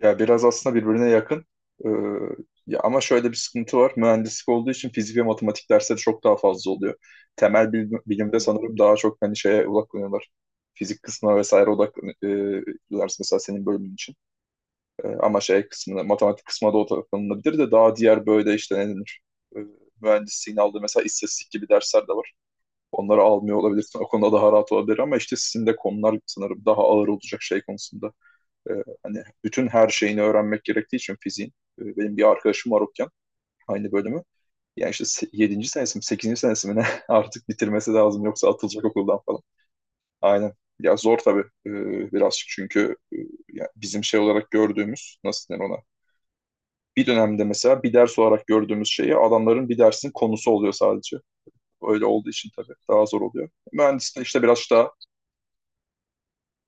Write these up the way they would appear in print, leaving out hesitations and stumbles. Ya biraz aslında birbirine yakın. Ee, Ya ama şöyle bir sıkıntı var. Mühendislik olduğu için fizik ve matematik dersleri çok daha fazla oluyor. Bilimde sanırım daha çok hani şeye odaklanıyorlar. Fizik kısmına vesaire odaklanıyorlar mesela senin bölümün için. Ama şey kısmına, matematik kısmına da odaklanılabilir de daha diğer böyle işte ne denir? Ee, Mühendisliğin aldığı mesela istatistik gibi dersler de var. Onları almıyor olabilirsin. O konuda daha rahat olabilir ama işte sizin de konular sanırım daha ağır olacak şey konusunda. E, Hani bütün her şeyini öğrenmek gerektiği için fiziğin. Benim bir arkadaşım var okuyan aynı bölümü. Yani işte yedinci senesi mi 8. senesi mi ne artık bitirmesi lazım yoksa atılacak okuldan falan. Aynen. Ya zor tabii birazcık çünkü ya bizim şey olarak gördüğümüz nasıl denir ona? Bir dönemde mesela bir ders olarak gördüğümüz şeyi adamların bir dersin konusu oluyor sadece. Öyle olduğu için tabii daha zor oluyor. Mühendisliğin işte biraz daha.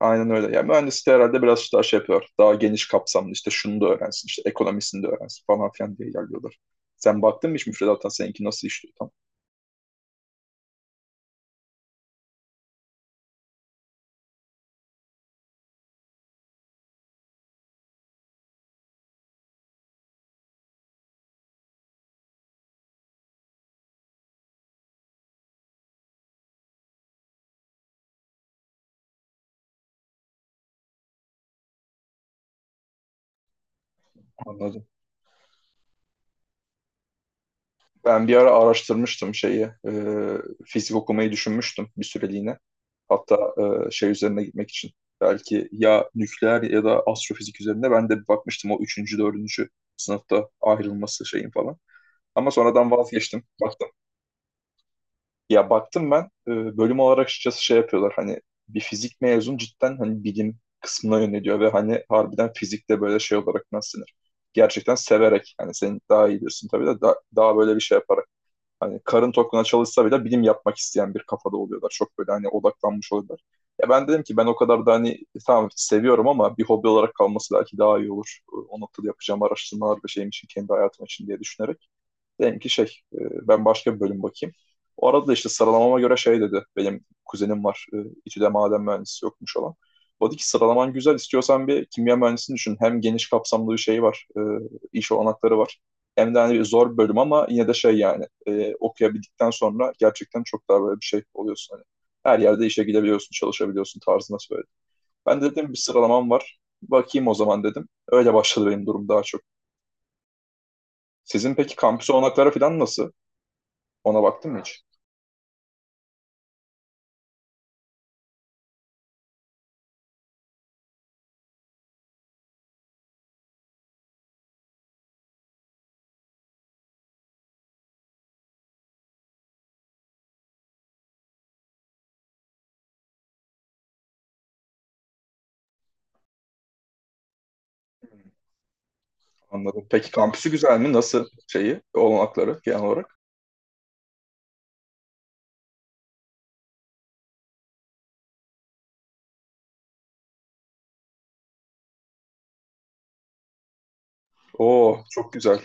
Aynen öyle. Yani mühendislik herhalde biraz daha şey yapıyor. Daha geniş kapsamlı işte şunu da öğrensin, işte ekonomisini de öğrensin falan filan diye ilerliyorlar. Sen baktın mı hiç müfredata seninki nasıl işliyor tam? Anladım. Ben bir ara araştırmıştım şeyi, fizik okumayı düşünmüştüm bir süreliğine. Hatta şey üzerine gitmek için. Belki ya nükleer ya da astrofizik üzerine ben de bir bakmıştım o üçüncü, dördüncü sınıfta ayrılması şeyin falan. Ama sonradan vazgeçtim. Bak. Ya baktım ben bölüm olarak açıkçası şey yapıyorlar hani bir fizik mezun cidden hani bilim kısmına yöneliyor ve hani harbiden fizikte böyle şey olarak nasıl denir? Gerçekten severek hani sen daha iyi diyorsun tabii de daha böyle bir şey yaparak hani karın tokluğuna çalışsa bile bilim yapmak isteyen bir kafada oluyorlar. Çok böyle hani odaklanmış oluyorlar. Ya ben dedim ki ben o kadar da hani tamam seviyorum ama bir hobi olarak kalması belki daha iyi olur. O noktada yapacağım araştırmalar ve şeyim için kendi hayatım için diye düşünerek. Dedim ki şey e, ben başka bir bölüm bakayım. O arada da işte sıralamama göre şey dedi. Benim kuzenim var. İTÜ'de maden mühendisi yokmuş olan. O dedi ki sıralaman güzel. İstiyorsan bir kimya mühendisini düşün. Hem geniş kapsamlı bir şey var. İş olanakları var. Hem de hani zor bir bölüm ama yine de şey yani okuyabildikten sonra gerçekten çok daha böyle bir şey oluyorsun. Hani her yerde işe gidebiliyorsun, çalışabiliyorsun tarzında söyledi. Ben de dedim bir sıralamam var. Bakayım o zaman dedim. Öyle başladı benim durum daha çok. Sizin peki kampüs olanakları falan nasıl? Ona baktın mı hiç? Anladım. Peki kampüsü güzel mi? Nasıl şeyi, olanakları genel olarak? Oo, çok güzel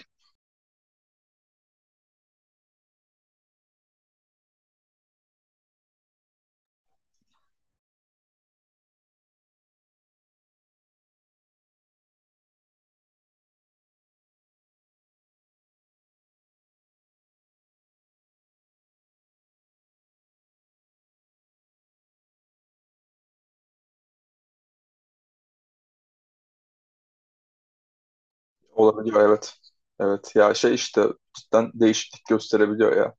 olabiliyor, evet. Evet ya şey işte cidden değişiklik gösterebiliyor ya.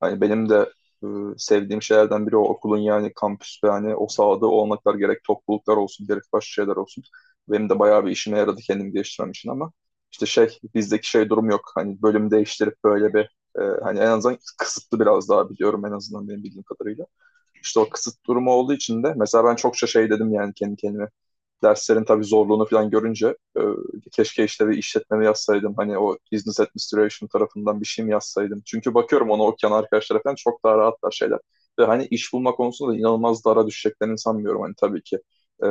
Hani benim de e, sevdiğim şeylerden biri o okulun yani kampüs ve hani o sahada olanaklar gerek topluluklar olsun gerek başka şeyler olsun. Benim de bayağı bir işime yaradı kendimi geliştirmem için ama işte şey bizdeki şey durum yok. Hani bölüm değiştirip böyle bir hani en azından kısıtlı biraz daha biliyorum en azından benim bildiğim kadarıyla. İşte o kısıt durumu olduğu için de mesela ben çokça şey dedim yani kendi kendime derslerin tabii zorluğunu falan görünce keşke işte bir işletmemi yazsaydım. Hani o business administration tarafından bir şey mi yazsaydım? Çünkü bakıyorum ona okuyan arkadaşlara falan çok daha rahatlar şeyler. Ve hani iş bulma konusunda da inanılmaz dara düşeceklerini sanmıyorum. Hani tabii ki e,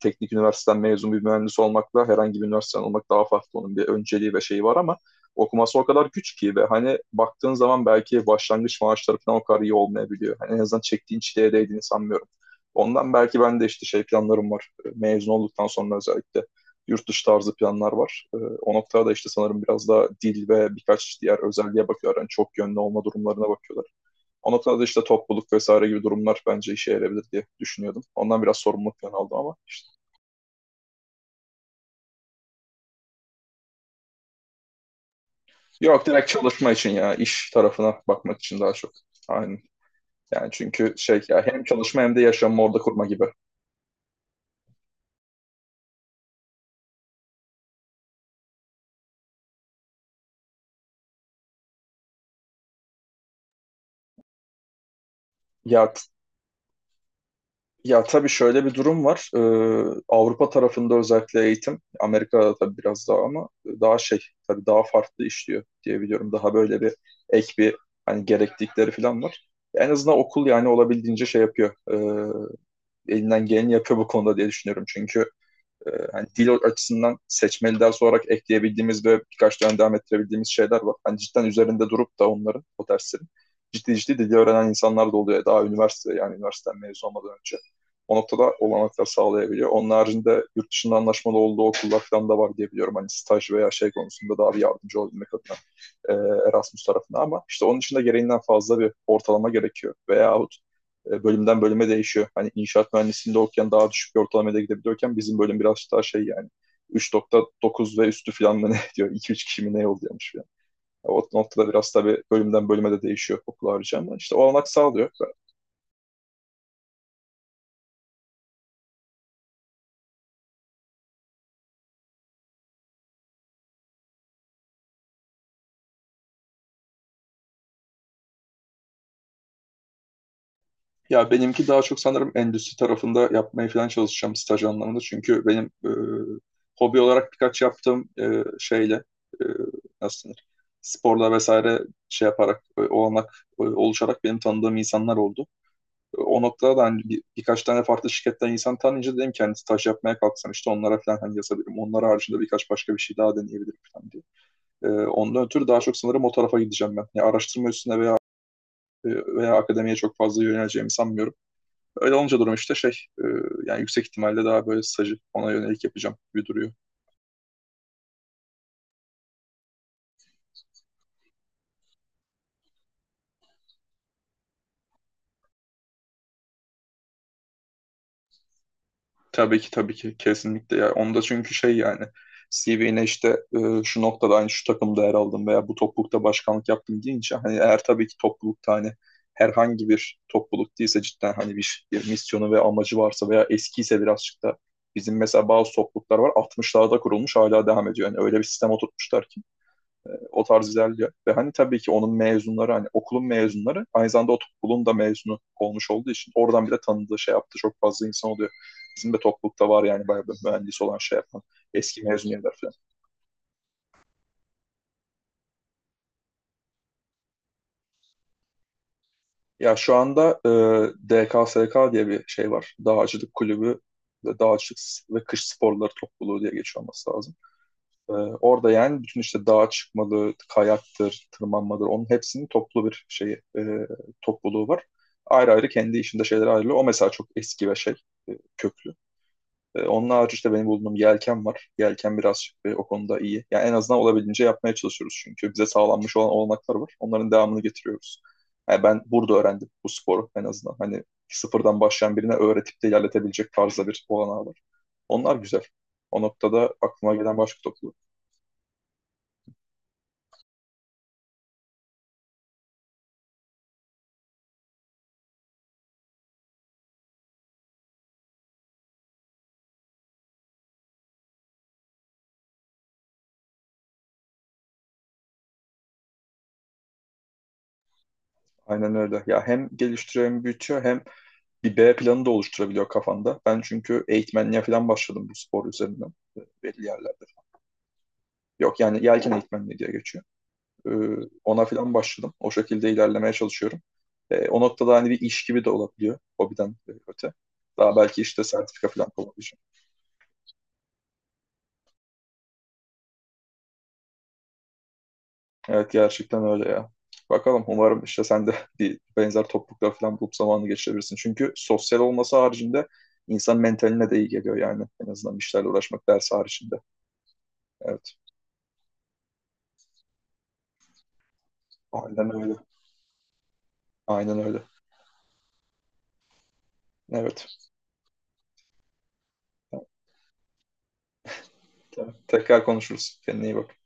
teknik üniversiteden mezun bir mühendis olmakla herhangi bir üniversiteden olmak daha farklı. Onun bir önceliği ve şeyi var ama okuması o kadar güç ki ve hani baktığın zaman belki başlangıç maaşları falan o kadar iyi olmayabiliyor. Hani en azından çektiğin çileye değdiğini sanmıyorum. Ondan belki ben de işte şey planlarım var mezun olduktan sonra özellikle yurt dışı tarzı planlar var. O noktada da işte sanırım biraz daha dil ve birkaç diğer özelliğe bakıyorlar. Yani çok yönlü olma durumlarına bakıyorlar. O noktada da işte topluluk vesaire gibi durumlar bence işe yarayabilir diye düşünüyordum. Ondan biraz sorumluluk falan aldım ama. Yok, direkt çalışma için ya iş tarafına bakmak için daha çok. Aynen. Yani çünkü şey ya hem çalışma hem de yaşamı orada kurma gibi. Ya Ya tabii şöyle bir durum var. Avrupa tarafında özellikle eğitim, Amerika'da tabii biraz daha ama daha şey, tabii daha farklı işliyor diye biliyorum. Daha böyle bir ek bir hani gereklilikleri falan var. En azından okul yani olabildiğince şey yapıyor. Elinden geleni yapıyor bu konuda diye düşünüyorum. Çünkü hani dil açısından seçmeli ders olarak ekleyebildiğimiz ve birkaç dönem devam ettirebildiğimiz şeyler var. Hani cidden üzerinde durup da onların o derslerin ciddi ciddi dili öğrenen insanlar da oluyor. Daha üniversite yani üniversiteden mezun olmadan önce. O noktada olanaklar sağlayabiliyor. Onun haricinde yurt dışında anlaşmalı olduğu okullar falan da var diye biliyorum. Hani staj veya şey konusunda daha bir yardımcı olabilmek adına e, Erasmus tarafına, ama işte onun için de gereğinden fazla bir ortalama gerekiyor. Veyahut bölümden bölüme değişiyor. Hani inşaat mühendisliğinde okuyan daha düşük bir ortalamaya gidebiliyorken bizim bölüm biraz daha şey yani 3.9 ve üstü falan mı ne diyor. 2-3 kişi mi ne yolluyormuş falan. O noktada biraz tabii bölümden bölüme de değişiyor okul harici ama işte o olanak sağlıyor. Ya benimki daha çok sanırım endüstri tarafında yapmaya falan çalışacağım staj anlamında. Çünkü benim hobi olarak birkaç yaptığım şeyle e, nasıl denir? Sporla vesaire şey yaparak olanak oluşarak benim tanıdığım insanlar oldu. O noktada da hani birkaç tane farklı şirketten insan tanıyınca dedim kendisi taş yapmaya kalksam işte onlara falan hani yazabilirim. Onlar haricinde birkaç başka bir şey daha deneyebilirim falan diye. Ondan ötürü daha çok sanırım o tarafa gideceğim ben. Yani araştırma üstüne veya veya akademiye çok fazla yöneleceğimi sanmıyorum. Öyle olunca durum işte şey e, yani yüksek ihtimalle daha böyle stajı ona yönelik yapacağım gibi duruyor. Tabii ki, tabii ki kesinlikle ya onda çünkü şey yani CV'ne işte şu noktada aynı şu takımda yer aldım veya bu toplulukta başkanlık yaptım deyince hani eğer tabii ki toplulukta hani herhangi bir topluluk değilse cidden hani bir misyonu ve amacı varsa veya eskiyse birazcık da bizim mesela bazı topluluklar var 60'larda kurulmuş hala devam ediyor. Yani öyle bir sistem oturtmuşlar ki o tarz ilerliyor. Ve hani tabii ki onun mezunları hani okulun mezunları aynı zamanda o okulun da mezunu olmuş olduğu için oradan bir de tanıdığı şey yaptı çok fazla insan oluyor. Bizim de toplulukta var yani bayağı bir mühendis olan şey yapan eski mezun yerler falan. Ya şu anda DKSK diye bir şey var. Dağcılık kulübü ve dağcılık ve kış sporları topluluğu diye geçiyor olması lazım. Ee, Orada yani bütün işte dağa çıkmalı, kayaktır, tırmanmadır onun hepsinin toplu bir şey e, topluluğu var. Ayrı ayrı kendi işinde şeyler ayrılıyor. O mesela çok eski ve şey köklü. Onun harici işte benim bulduğum yelken var. Yelken biraz o konuda iyi. Yani en azından olabildiğince yapmaya çalışıyoruz çünkü bize sağlanmış olan olanaklar var. Onların devamını getiriyoruz. Yani ben burada öğrendim bu sporu en azından. Hani sıfırdan başlayan birine öğretip de ilerletebilecek tarzda bir olanağı var. Onlar güzel. O noktada aklıma gelen başka topluluk. Aynen öyle. Ya hem geliştiriyor hem büyütüyor hem bir B planı da oluşturabiliyor kafanda. Ben çünkü eğitmenliğe falan başladım bu spor üzerinden belli yerlerde. Yok yani yelken eğitmenliği diye geçiyor. Ee, Ona falan başladım. O şekilde ilerlemeye çalışıyorum. O noktada hani bir iş gibi de olabiliyor hobiden öte. Daha belki işte sertifika falan kovalayacağım. Evet gerçekten öyle ya. Bakalım umarım işte sen de bir benzer topluluklar falan bulup zamanını geçirebilirsin. Çünkü sosyal olması haricinde insan mentaline de iyi geliyor yani. En azından bir işlerle uğraşmak ders haricinde. Evet. Aynen öyle. Aynen öyle. Evet. Tamam. Tekrar konuşuruz. Kendine iyi bak.